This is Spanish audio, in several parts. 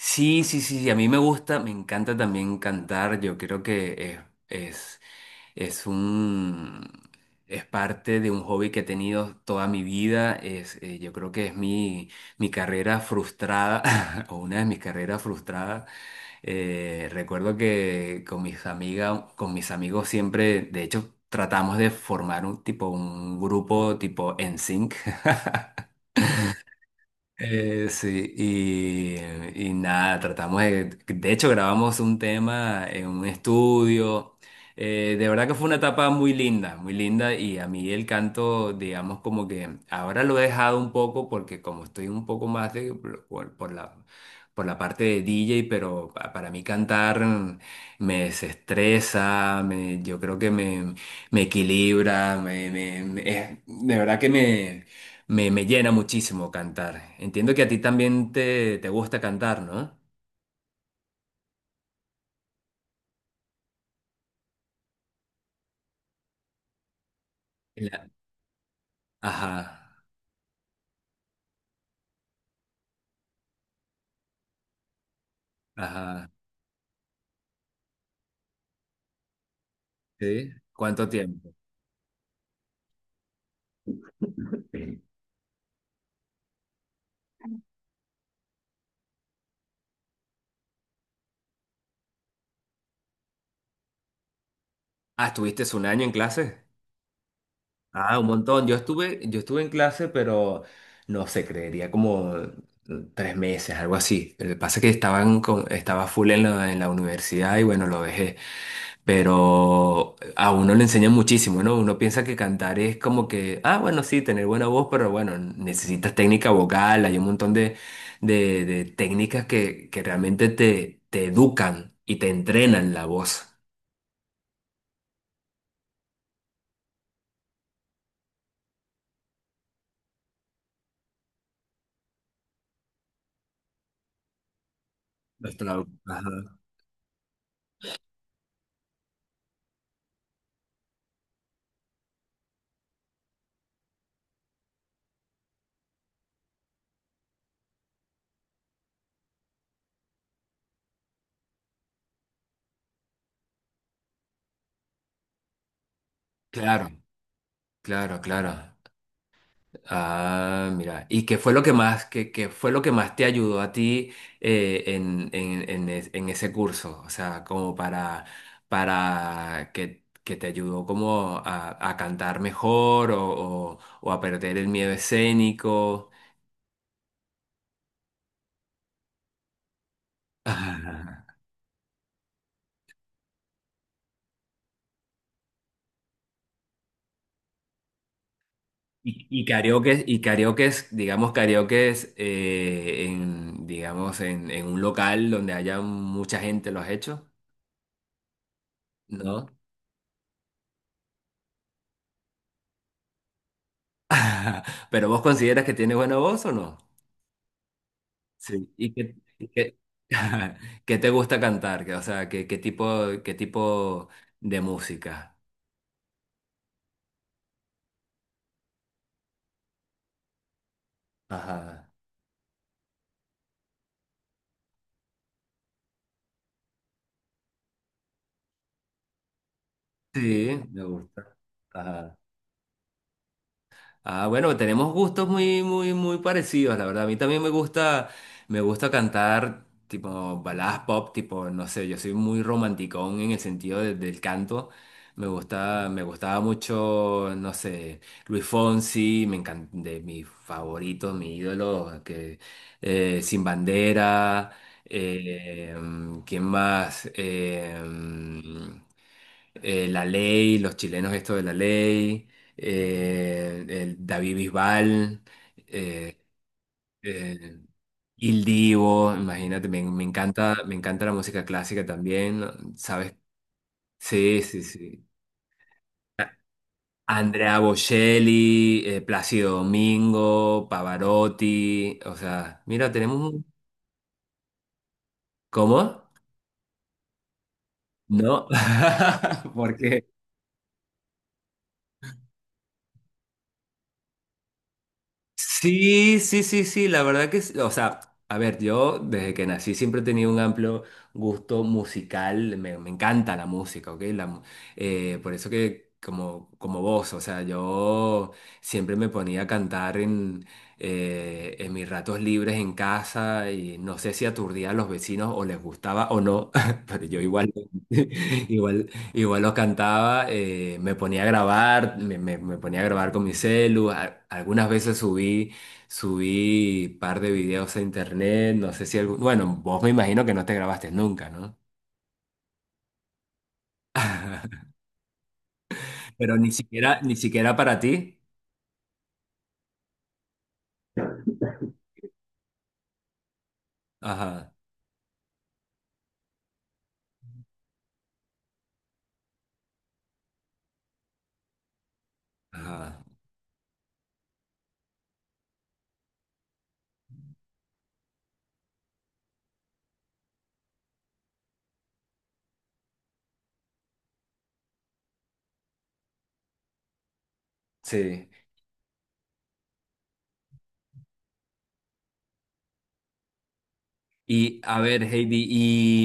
Sí, sí, sí, sí, a mí me gusta, me encanta también cantar, yo creo que es, es un, es parte de un hobby que he tenido toda mi vida, yo creo que es mi carrera frustrada, o una de mis carreras frustradas. Recuerdo que con mis amigas, con mis amigos siempre, de hecho, tratamos de formar un grupo tipo NSYNC Sí, y nada, de hecho grabamos un tema en un estudio. De verdad que fue una etapa muy linda, muy linda, y a mí el canto, digamos, como que ahora lo he dejado un poco porque como estoy un poco más de, por, por la, por la parte de DJ, pero para mí cantar me desestresa, yo creo que me equilibra, de verdad que me llena muchísimo cantar. Entiendo que a ti también te gusta cantar, ¿no? La- Ajá, ajá. ¿Sí? ¿Cuánto tiempo? Ah, ¿estuviste un año en clase? Ah, un montón. Yo estuve en clase, pero no sé, creería como tres meses, algo así. Lo que pasa es que estaba full en en la universidad y bueno, lo dejé. Pero a uno le enseña muchísimo, ¿no? Uno piensa que cantar es como que, ah, bueno, sí, tener buena voz, pero bueno, necesitas técnica vocal, hay un montón de técnicas que realmente te educan y te entrenan la voz. Ajá. Claro, claro, claro. Ah, mira. ¿Y qué fue lo que más, qué fue lo que más te ayudó a ti en ese curso? O sea, como para, que te ayudó como a cantar mejor o, o a perder el miedo escénico. Ajá. Y karaoke, digamos karaoke en, digamos, en un local donde haya mucha gente, ¿lo has hecho? ¿No? ¿Pero vos consideras que tienes buena voz o no? Sí. ¿Y qué, qué te gusta cantar? Que, o sea, ¿qué, qué tipo de música? Ajá. Sí, me gusta. Ah, bueno, tenemos gustos muy, muy, muy parecidos, la verdad. A mí también me gusta cantar tipo baladas pop, tipo, no sé, yo soy muy romanticón en el sentido del canto. Me gustaba mucho, no sé, Luis Fonsi, me encanta, de mis favoritos, mi ídolo, que Sin Bandera, eh, ¿quién más? La Ley, los chilenos esto de La Ley, el David Bisbal. eh, eh, Il Divo, imagínate, me encanta la música clásica también, ¿no? ¿Sabes? Sí, sí, sí. Andrea Bocelli, Plácido Domingo, Pavarotti, o sea, mira, tenemos un... ¿Cómo? No, porque sí, sí, sí, sí, la verdad que, sí, o sea, a ver, yo desde que nací siempre he tenido un amplio gusto musical, me encanta la música, ¿ok? Por eso que como, como vos, o sea, yo siempre me ponía a cantar en mis ratos libres en casa y no sé si aturdía a los vecinos o les gustaba o no, pero yo igual, igual, igual los cantaba, me ponía a grabar, me ponía a grabar con mi celu. Algunas veces subí, subí par de videos a internet, no sé si algún, bueno, vos me imagino que no te grabaste nunca, ¿no? Pero ni siquiera, ni siquiera para ti. Ajá, ajá. Sí. Y a ver, Heidi,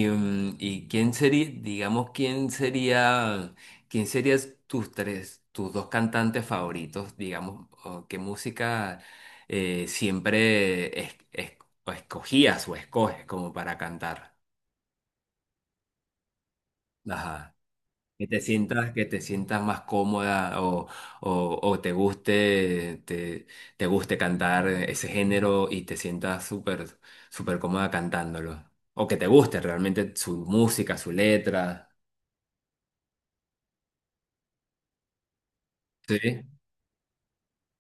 y quién sería, digamos, quién serías tus dos cantantes favoritos, digamos, o qué música eh, siempre es- es- o escogías o escoges como para cantar? Ajá. Que te sientas más cómoda o, o te guste, te guste cantar ese género y te sientas súper, súper cómoda cantándolo. O que te guste realmente su música, su letra. Sí.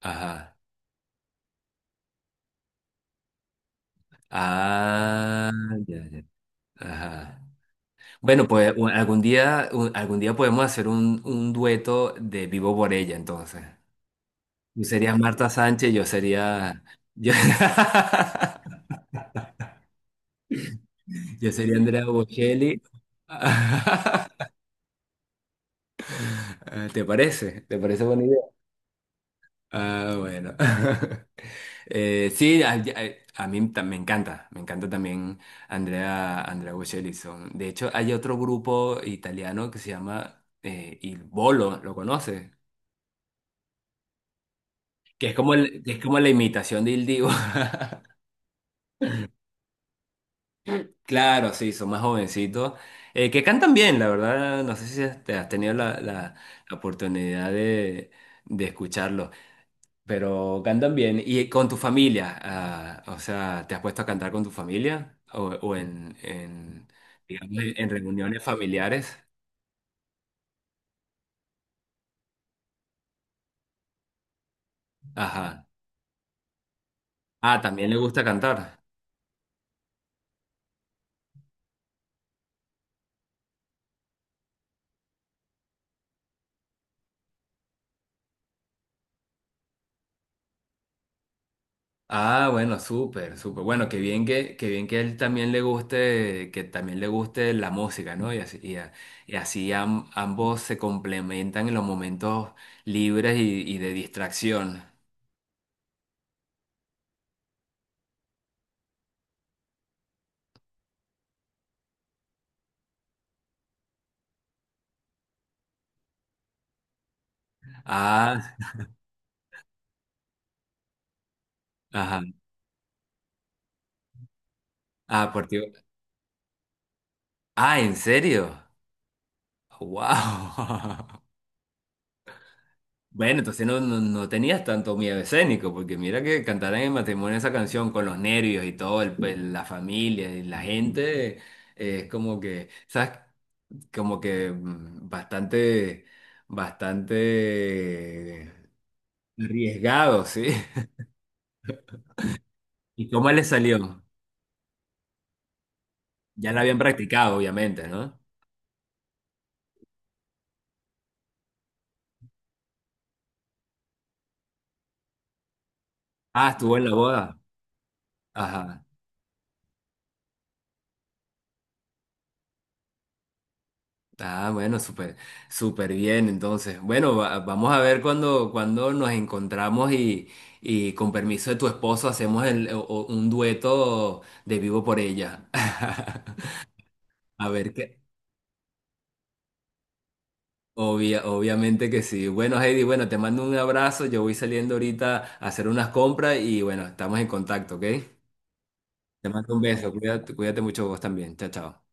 Ajá. Ah, ya, ya. Ajá. Bueno, pues algún día, algún día podemos hacer un dueto de Vivo por ella, entonces. Tú serías Marta Sánchez, yo sería. Yo... Yo sería Andrea Bocelli. ¿Te parece? ¿Te parece buena idea? Ah, bueno. Sí, a mí me encanta. Me encanta también Andrea Bocelli. De hecho, hay otro grupo italiano que se llama Il Bolo, ¿lo conoces? Que es como, que es como la imitación de Il Divo. Claro, sí, son más jovencitos. Que cantan bien, la verdad. No sé si te has tenido la oportunidad de escucharlos. Pero cantan bien. ¿Y con tu familia? Ah, o sea, ¿te has puesto a cantar con tu familia? O digamos, en reuniones familiares? Ajá. Ah, también le gusta cantar. Ah, bueno, súper, súper. Bueno, qué bien que a él también le guste, que también le guste la música, ¿no? Y así, y así ambos se complementan en los momentos libres y de distracción. Ah, ajá. Ah, ah, ¿en serio? ¡Wow! Bueno, entonces no, no, no tenías tanto miedo escénico, porque mira que cantar en el matrimonio esa canción con los nervios y todo, el, pues, la familia y la gente, es como que, ¿sabes? Como que bastante, bastante arriesgado, ¿sí? ¿Y cómo le salió? Ya la habían practicado, obviamente, ¿no? Ah, estuvo en la boda. Ajá. Ah, bueno, súper, súper bien. Entonces, bueno, vamos a ver cuando, cuando nos encontramos y con permiso de tu esposo hacemos o un dueto de Vivo por ella. A ver qué. Obviamente que sí. Bueno, Heidi, bueno, te mando un abrazo. Yo voy saliendo ahorita a hacer unas compras y bueno, estamos en contacto, ¿ok? Te mando un beso. Cuídate, cuídate mucho vos también. Chao, chao.